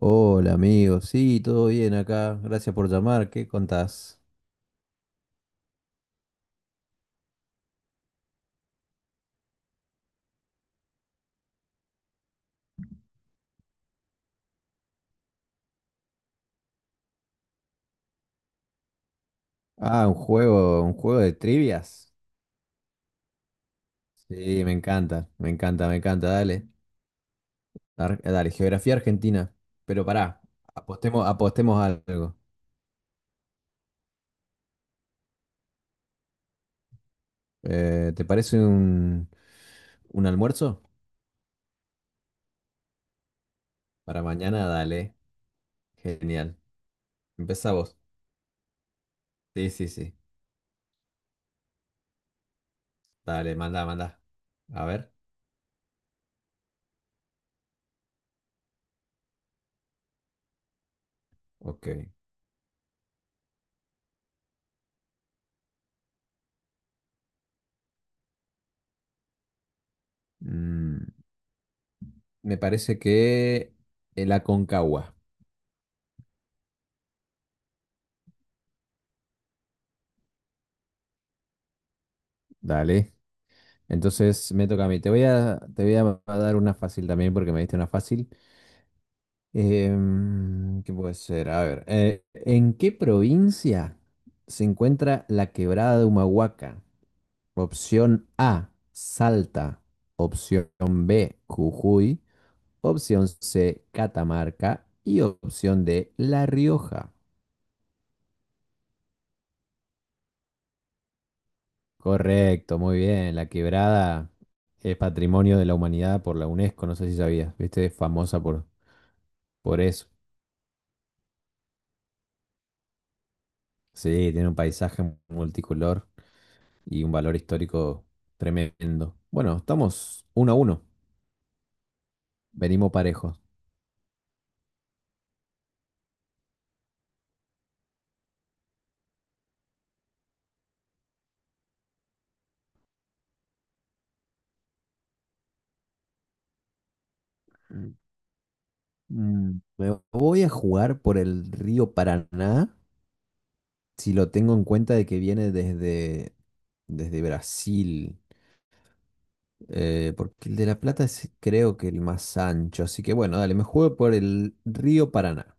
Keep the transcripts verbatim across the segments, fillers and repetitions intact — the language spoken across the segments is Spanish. Hola amigo, sí, todo bien acá. Gracias por llamar. ¿Qué contás? Ah, un juego, un juego de trivias. Sí, me encanta, me encanta, me encanta. Dale, Ar- dale, geografía argentina. Pero pará, apostemos, apostemos algo. Eh, ¿te parece un, un almuerzo? Para mañana, dale. Genial. Empezá vos. Sí, sí, sí. Dale, manda, manda. A ver. Ok. Mm, Me parece que el Aconcagua. Dale. Entonces me toca a mí. Te voy a, te voy a dar una fácil también porque me diste una fácil. Em, ¿qué puede ser? A ver, eh, ¿en qué provincia se encuentra la quebrada de Humahuaca? Opción A, Salta. Opción B, Jujuy. Opción C, Catamarca. Y opción D, La Rioja. Correcto, muy bien. La quebrada es patrimonio de la humanidad por la UNESCO. No sé si sabías, viste, es famosa por, por eso. Sí, tiene un paisaje multicolor y un valor histórico tremendo. Bueno, estamos uno a uno, venimos parejos. Mm. Mm, Me voy a jugar por el río Paraná, si lo tengo en cuenta de que viene desde, desde Brasil, eh, porque el de La Plata es creo que el más ancho, así que bueno, dale, me juego por el río Paraná.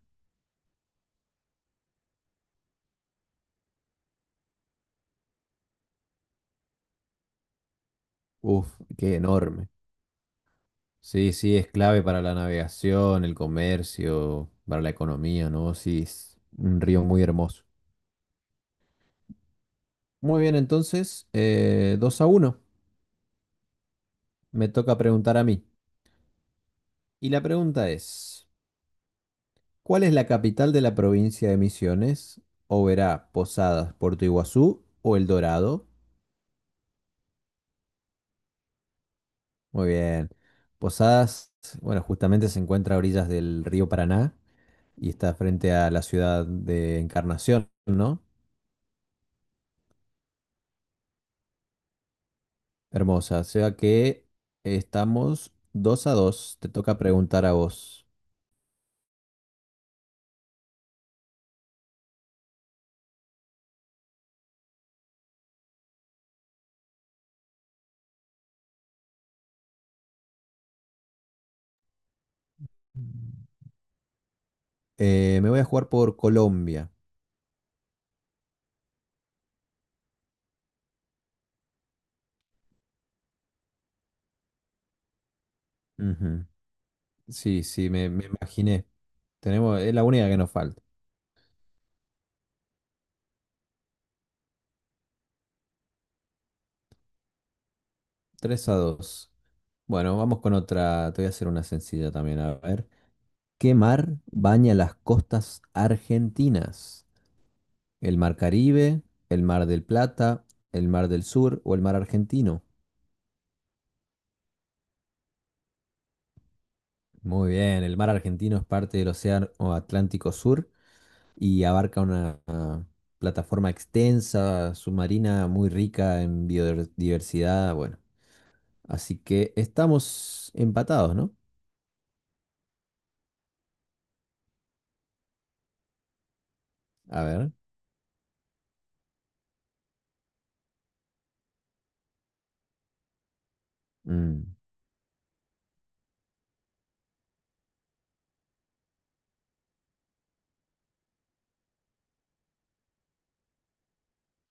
Uf, qué enorme. Sí, sí, es clave para la navegación, el comercio, para la economía, ¿no? Sí, es un río muy hermoso. Muy bien, entonces, eh, dos a uno. Me toca preguntar a mí. Y la pregunta es, ¿cuál es la capital de la provincia de Misiones? ¿Oberá, Posadas, Puerto Iguazú o El Dorado? Muy bien. Posadas, bueno, justamente se encuentra a orillas del río Paraná y está frente a la ciudad de Encarnación, ¿no? Hermosa, o sea que estamos dos a dos. Te toca preguntar a vos. Eh, me voy a jugar por Colombia. Ujú. Sí, sí, me, me imaginé. Tenemos, es la única que nos falta. Tres a dos. Bueno, vamos con otra. Te voy a hacer una sencilla también. A ver. ¿Qué mar baña las costas argentinas? ¿El mar Caribe, el mar del Plata, el mar del Sur o el mar argentino? Muy bien, el mar argentino es parte del Océano Atlántico Sur y abarca una ah, plataforma extensa, submarina, muy rica en biodiversidad. Bueno, así que estamos empatados, ¿no? A ver, mm,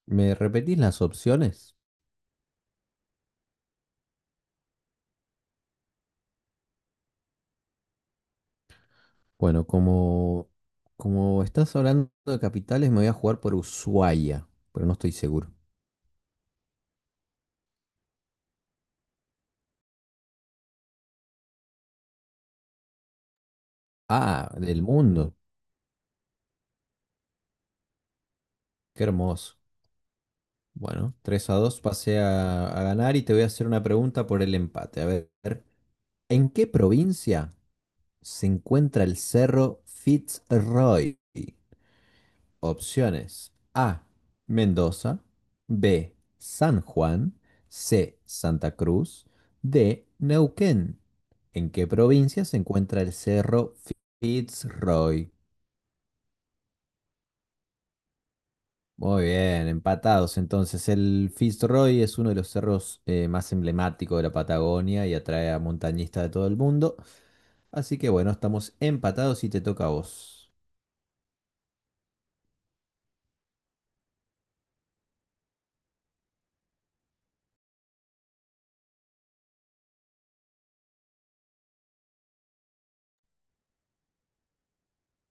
¿me repetís las opciones? Bueno, como, como estás hablando de capitales, me voy a jugar por Ushuaia, pero no estoy seguro. Ah, del mundo, qué hermoso. Bueno, tres a dos, pasé a, a ganar y te voy a hacer una pregunta por el empate. A ver, ¿en qué provincia se encuentra el Cerro Fitzroy? Opciones. A, Mendoza. B, San Juan. C, Santa Cruz. D, Neuquén. ¿En qué provincia se encuentra el Cerro Fitzroy? Muy bien, empatados. Entonces, el Fitzroy es uno de los cerros eh, más emblemáticos de la Patagonia y atrae a montañistas de todo el mundo. Así que bueno, estamos empatados y te toca a vos.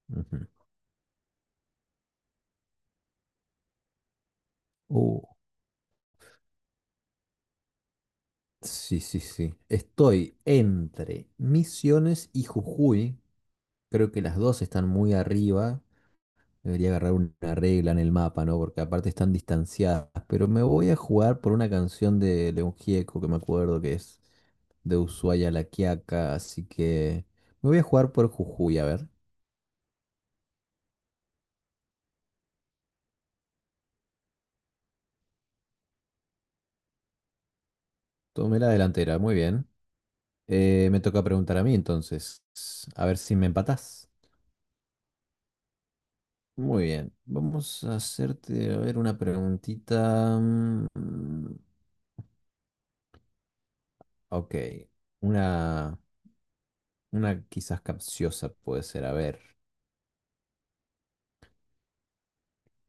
Ujú. Uh, Sí, sí, sí. Estoy entre Misiones y Jujuy. Creo que las dos están muy arriba. Debería agarrar una regla en el mapa, ¿no? Porque aparte están distanciadas. Pero me voy a jugar por una canción de León Gieco que me acuerdo que es de Ushuaia a La Quiaca. Así que me voy a jugar por Jujuy, a ver. Tomé la delantera, muy bien. Eh, me toca preguntar a mí entonces. A ver si me empatás. Muy bien, vamos a hacerte, a ver, una preguntita. Mm, mm, ok, una, una quizás capciosa puede ser. A ver,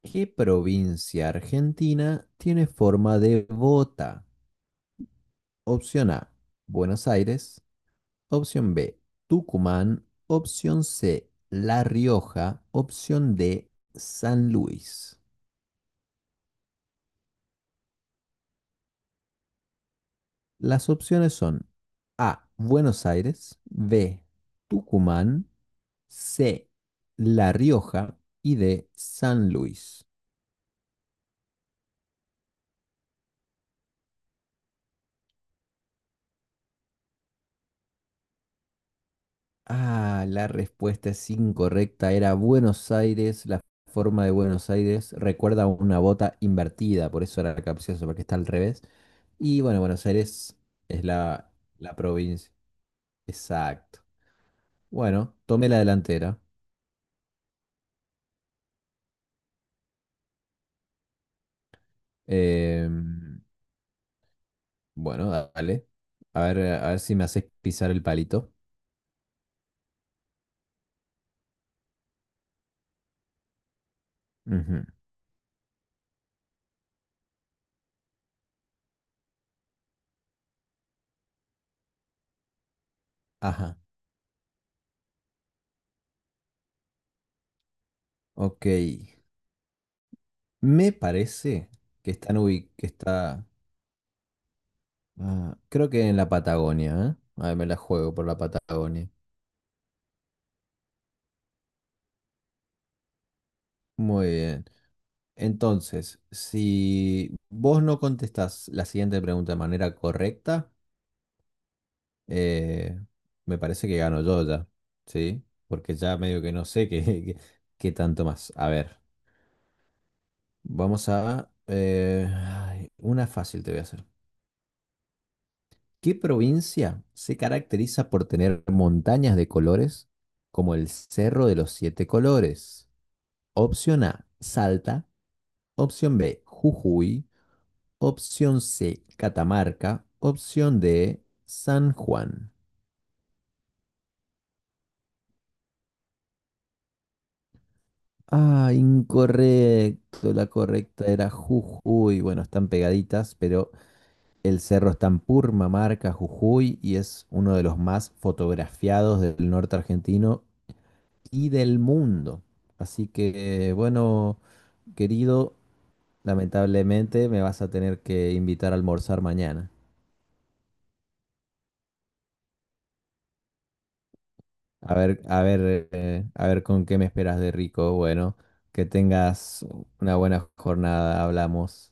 ¿qué provincia argentina tiene forma de bota? Opción A, Buenos Aires. Opción B, Tucumán. Opción C, La Rioja. Opción D, San Luis. Las opciones son A, Buenos Aires. B, Tucumán. C, La Rioja y D, San Luis. Ah, la respuesta es incorrecta. Era Buenos Aires, la forma de Buenos Aires recuerda una bota invertida, por eso era capcioso, porque está al revés. Y bueno, Buenos Aires es la, la provincia. Exacto. Bueno, tomé la delantera. Em, bueno, dale. A ver, a ver si me haces pisar el palito. Ujú. Ajá, ok. Me parece que están ubi- que está, ah, creo que en la Patagonia, ¿eh? A ver, me la juego por la Patagonia. Muy bien. Entonces, si vos no contestás la siguiente pregunta de manera correcta, eh, me parece que gano yo ya, ¿sí? Porque ya medio que no sé qué, qué- qué tanto más. A ver, vamos a, eh, ay, una fácil te voy a hacer. ¿Qué provincia se caracteriza por tener montañas de colores como el Cerro de los Siete Colores? Opción A, Salta. Opción B, Jujuy. Opción C, Catamarca. Opción D, San Juan. Ah, incorrecto. La correcta era Jujuy. Bueno, están pegaditas, pero el cerro está en Purmamarca, Jujuy, y es uno de los más fotografiados del norte argentino y del mundo. Así que, bueno, querido, lamentablemente me vas a tener que invitar a almorzar mañana. A ver, a ver, eh, a ver con qué me esperas de rico. Bueno, que tengas una buena jornada. Hablamos.